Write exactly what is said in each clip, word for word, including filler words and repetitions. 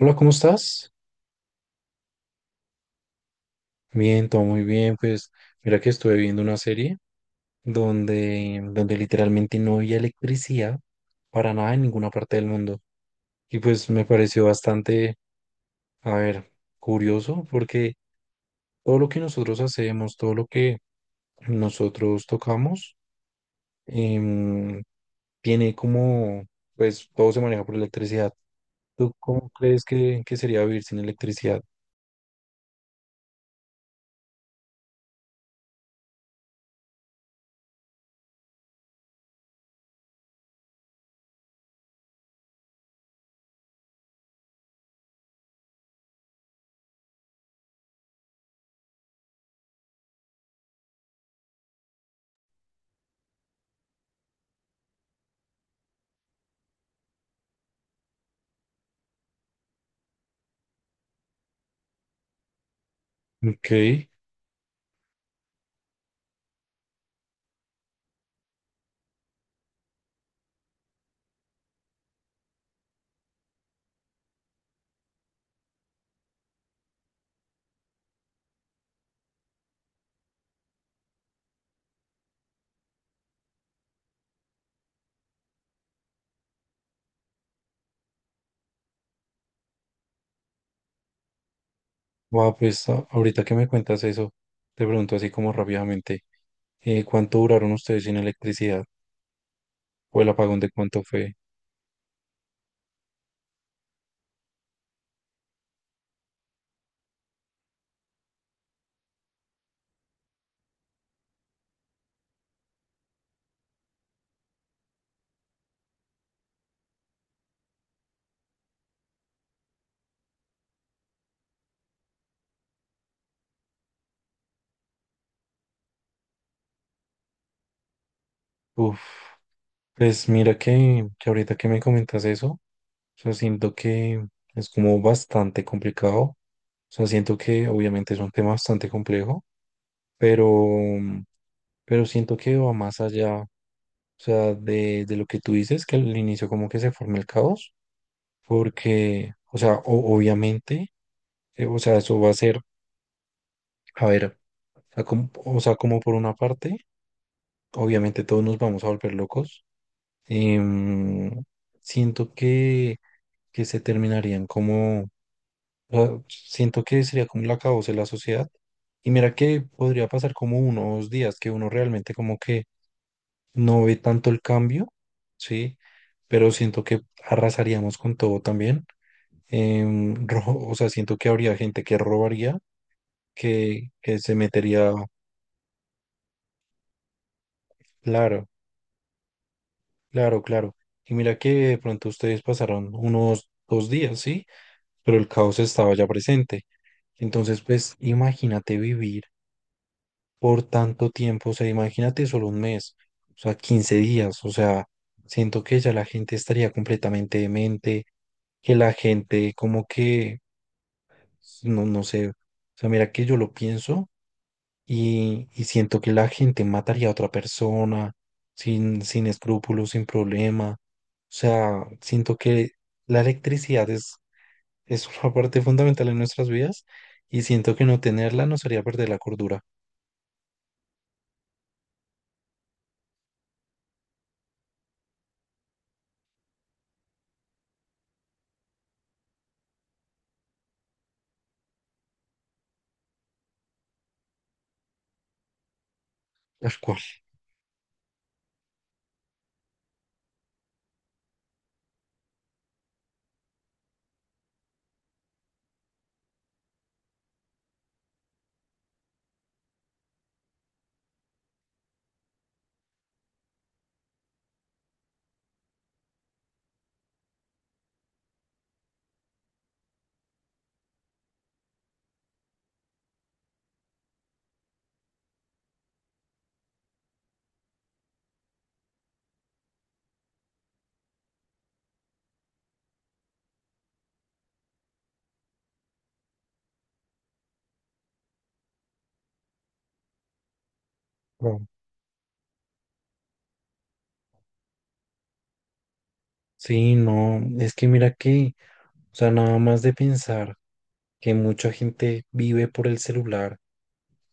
Hola, ¿cómo estás? Bien, todo muy bien. Pues mira que estuve viendo una serie donde, donde literalmente no había electricidad para nada en ninguna parte del mundo. Y pues me pareció bastante, a ver, curioso porque todo lo que nosotros hacemos, todo lo que nosotros tocamos, em, tiene como, pues todo se maneja por electricidad. ¿Tú cómo crees que, que sería vivir sin electricidad? Ok. Wow, pues a- ahorita que me cuentas eso, te pregunto así como rápidamente, eh, ¿cuánto duraron ustedes sin electricidad? ¿O el apagón de cuánto fue? Uf, pues mira que, que ahorita que me comentas eso, o sea, siento que es como bastante complicado. O sea, siento que obviamente es un tema bastante complejo, pero, pero siento que va más allá, o sea, de, de lo que tú dices, que al inicio como que se forma el caos, porque, o sea, o- obviamente, eh, o sea, eso va a ser. A ver, o sea, como, o sea, como por una parte, obviamente todos nos vamos a volver locos. Em, siento que, que se terminarían como, o sea, siento que sería como la acabose de la sociedad. Y mira que podría pasar como unos días que uno realmente como que no ve tanto el cambio, ¿sí? Pero siento que arrasaríamos con todo también. Em, ro- o sea, siento que habría gente que robaría, que, que se metería, claro. Claro, claro. Y mira que de pronto ustedes pasaron unos dos días, ¿sí? Pero el caos estaba ya presente. Entonces, pues imagínate vivir por tanto tiempo, o sea, imagínate solo un mes, o sea, quince días, o sea, siento que ya la gente estaría completamente demente, que la gente como que, no, no sé, o sea, mira que yo lo pienso y, y siento que la gente mataría a otra persona sin, sin escrúpulos, sin problema. O sea, siento que la electricidad es, es una parte fundamental en nuestras vidas y siento que no tenerla nos haría perder la cordura. Tal cual. No. Sí, no, es que mira que, o sea, nada más de pensar que mucha gente vive por el celular.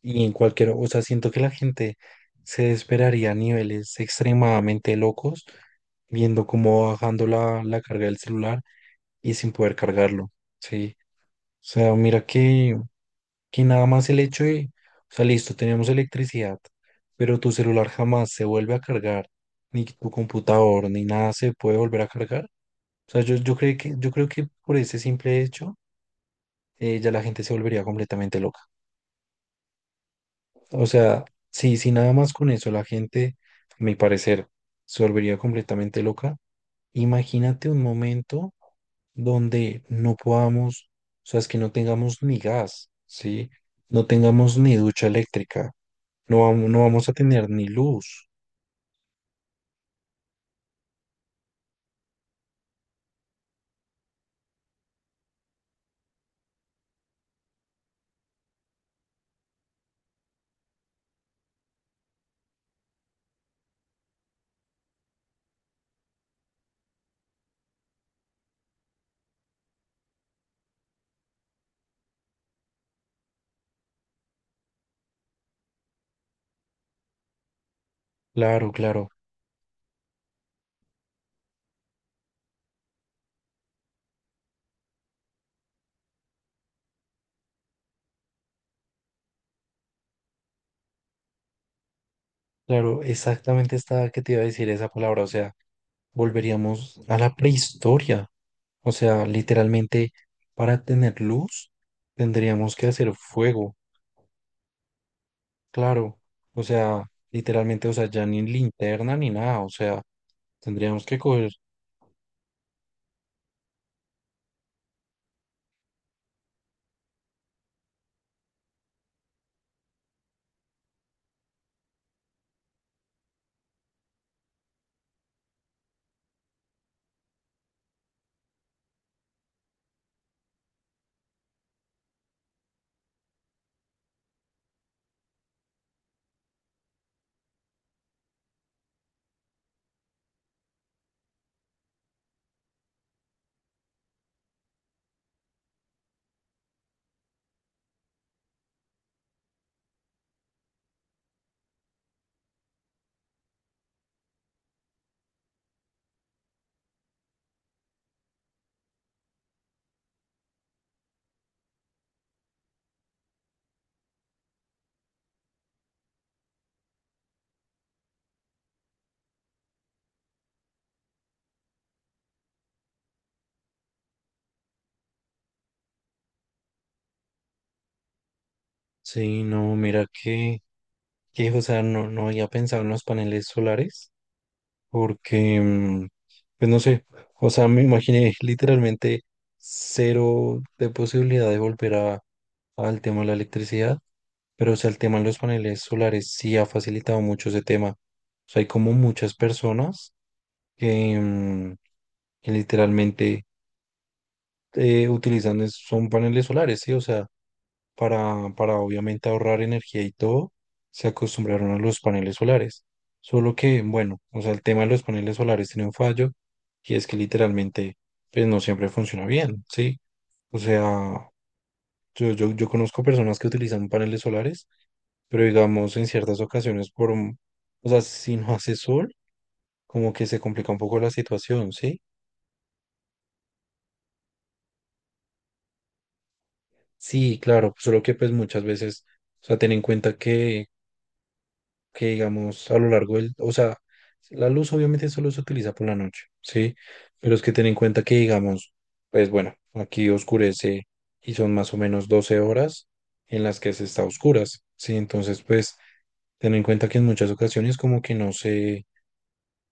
Y en cualquier, o sea, siento que la gente se desesperaría a niveles extremadamente locos viendo cómo va bajando la, la carga del celular y sin poder cargarlo, ¿sí? O sea, mira que, que nada más el hecho de, o sea, listo, tenemos electricidad, pero tu celular jamás se vuelve a cargar, ni tu computador, ni nada se puede volver a cargar. O sea, yo, yo creo que, yo creo que por ese simple hecho, eh, ya la gente se volvería completamente loca. O sea, si, si nada más con eso la gente, a mi parecer, se volvería completamente loca, imagínate un momento donde no podamos, o sea, es que no tengamos ni gas, ¿sí? No tengamos ni ducha eléctrica, no vamos, no vamos a tener ni luz. Claro, claro, claro, exactamente estaba que te iba a decir esa palabra, o sea, volveríamos a la prehistoria, o sea, literalmente para tener luz tendríamos que hacer fuego. Claro, o sea, literalmente, o sea, ya ni linterna ni nada, o sea, tendríamos que coger. Sí, no, mira que, que, o sea, no, no había pensado en los paneles solares, porque, mm, pues no sé, o sea, me imaginé literalmente cero de posibilidad de volver a, al tema de la electricidad, pero, o sea, el tema de los paneles solares sí ha facilitado mucho ese tema. O sea, hay como muchas personas que, mm, que literalmente eh, utilizan es- son paneles solares, ¿sí? O sea, para, para obviamente ahorrar energía y todo, se acostumbraron a los paneles solares. Solo que, bueno, o sea, el tema de los paneles solares tiene un fallo y es que literalmente, pues no siempre funciona bien, ¿sí? O sea, yo, yo, yo conozco personas que utilizan paneles solares, pero digamos en ciertas ocasiones por, un- o sea, si no hace sol, como que se complica un poco la situación, ¿sí? Sí, claro, solo que pues muchas veces, o sea, ten en cuenta que que digamos a lo largo del, o sea, la luz obviamente solo se utiliza por la noche, ¿sí? Pero es que ten en cuenta que digamos, pues bueno, aquí oscurece y son más o menos doce horas en las que se está a oscuras, ¿sí? Entonces, pues ten en cuenta que en muchas ocasiones como que no se,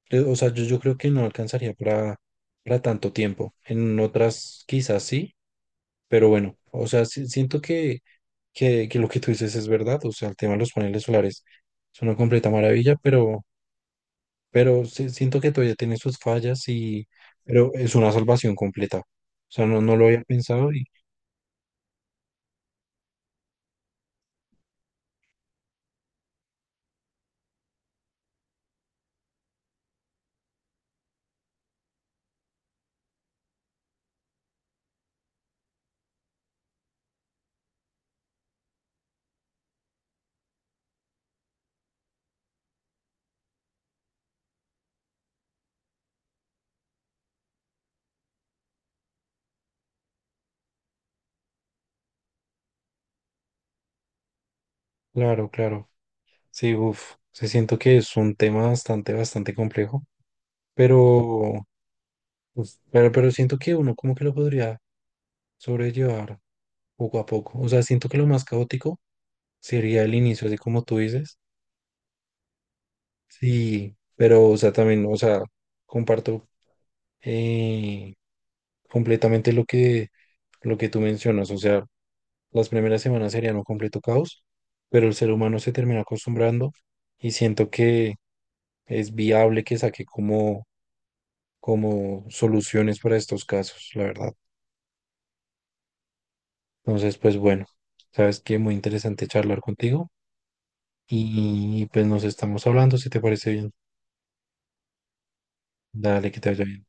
eh, o sea, yo, yo creo que no alcanzaría para, para tanto tiempo, en otras quizás sí, pero bueno, o sea, si- siento que, que, que lo que tú dices es verdad, o sea, el tema de los paneles solares es una completa maravilla, pero pero sí- siento que todavía tiene sus fallas y, pero es una salvación completa. O sea, no, no lo había pensado y claro, claro. Sí, uff, sí siento que es un tema bastante, bastante complejo, pero, pues, pero, pero siento que uno como que lo podría sobrellevar poco a poco. O sea, siento que lo más caótico sería el inicio, así como tú dices. Sí, pero, o sea, también, o sea, comparto eh, completamente lo que, lo que tú mencionas. O sea, las primeras semanas serían un completo caos, pero el ser humano se termina acostumbrando y siento que es viable que saque como, como soluciones para estos casos, la verdad. Entonces, pues bueno, sabes que muy interesante charlar contigo y pues nos estamos hablando, si te parece bien. Dale, que te vaya bien.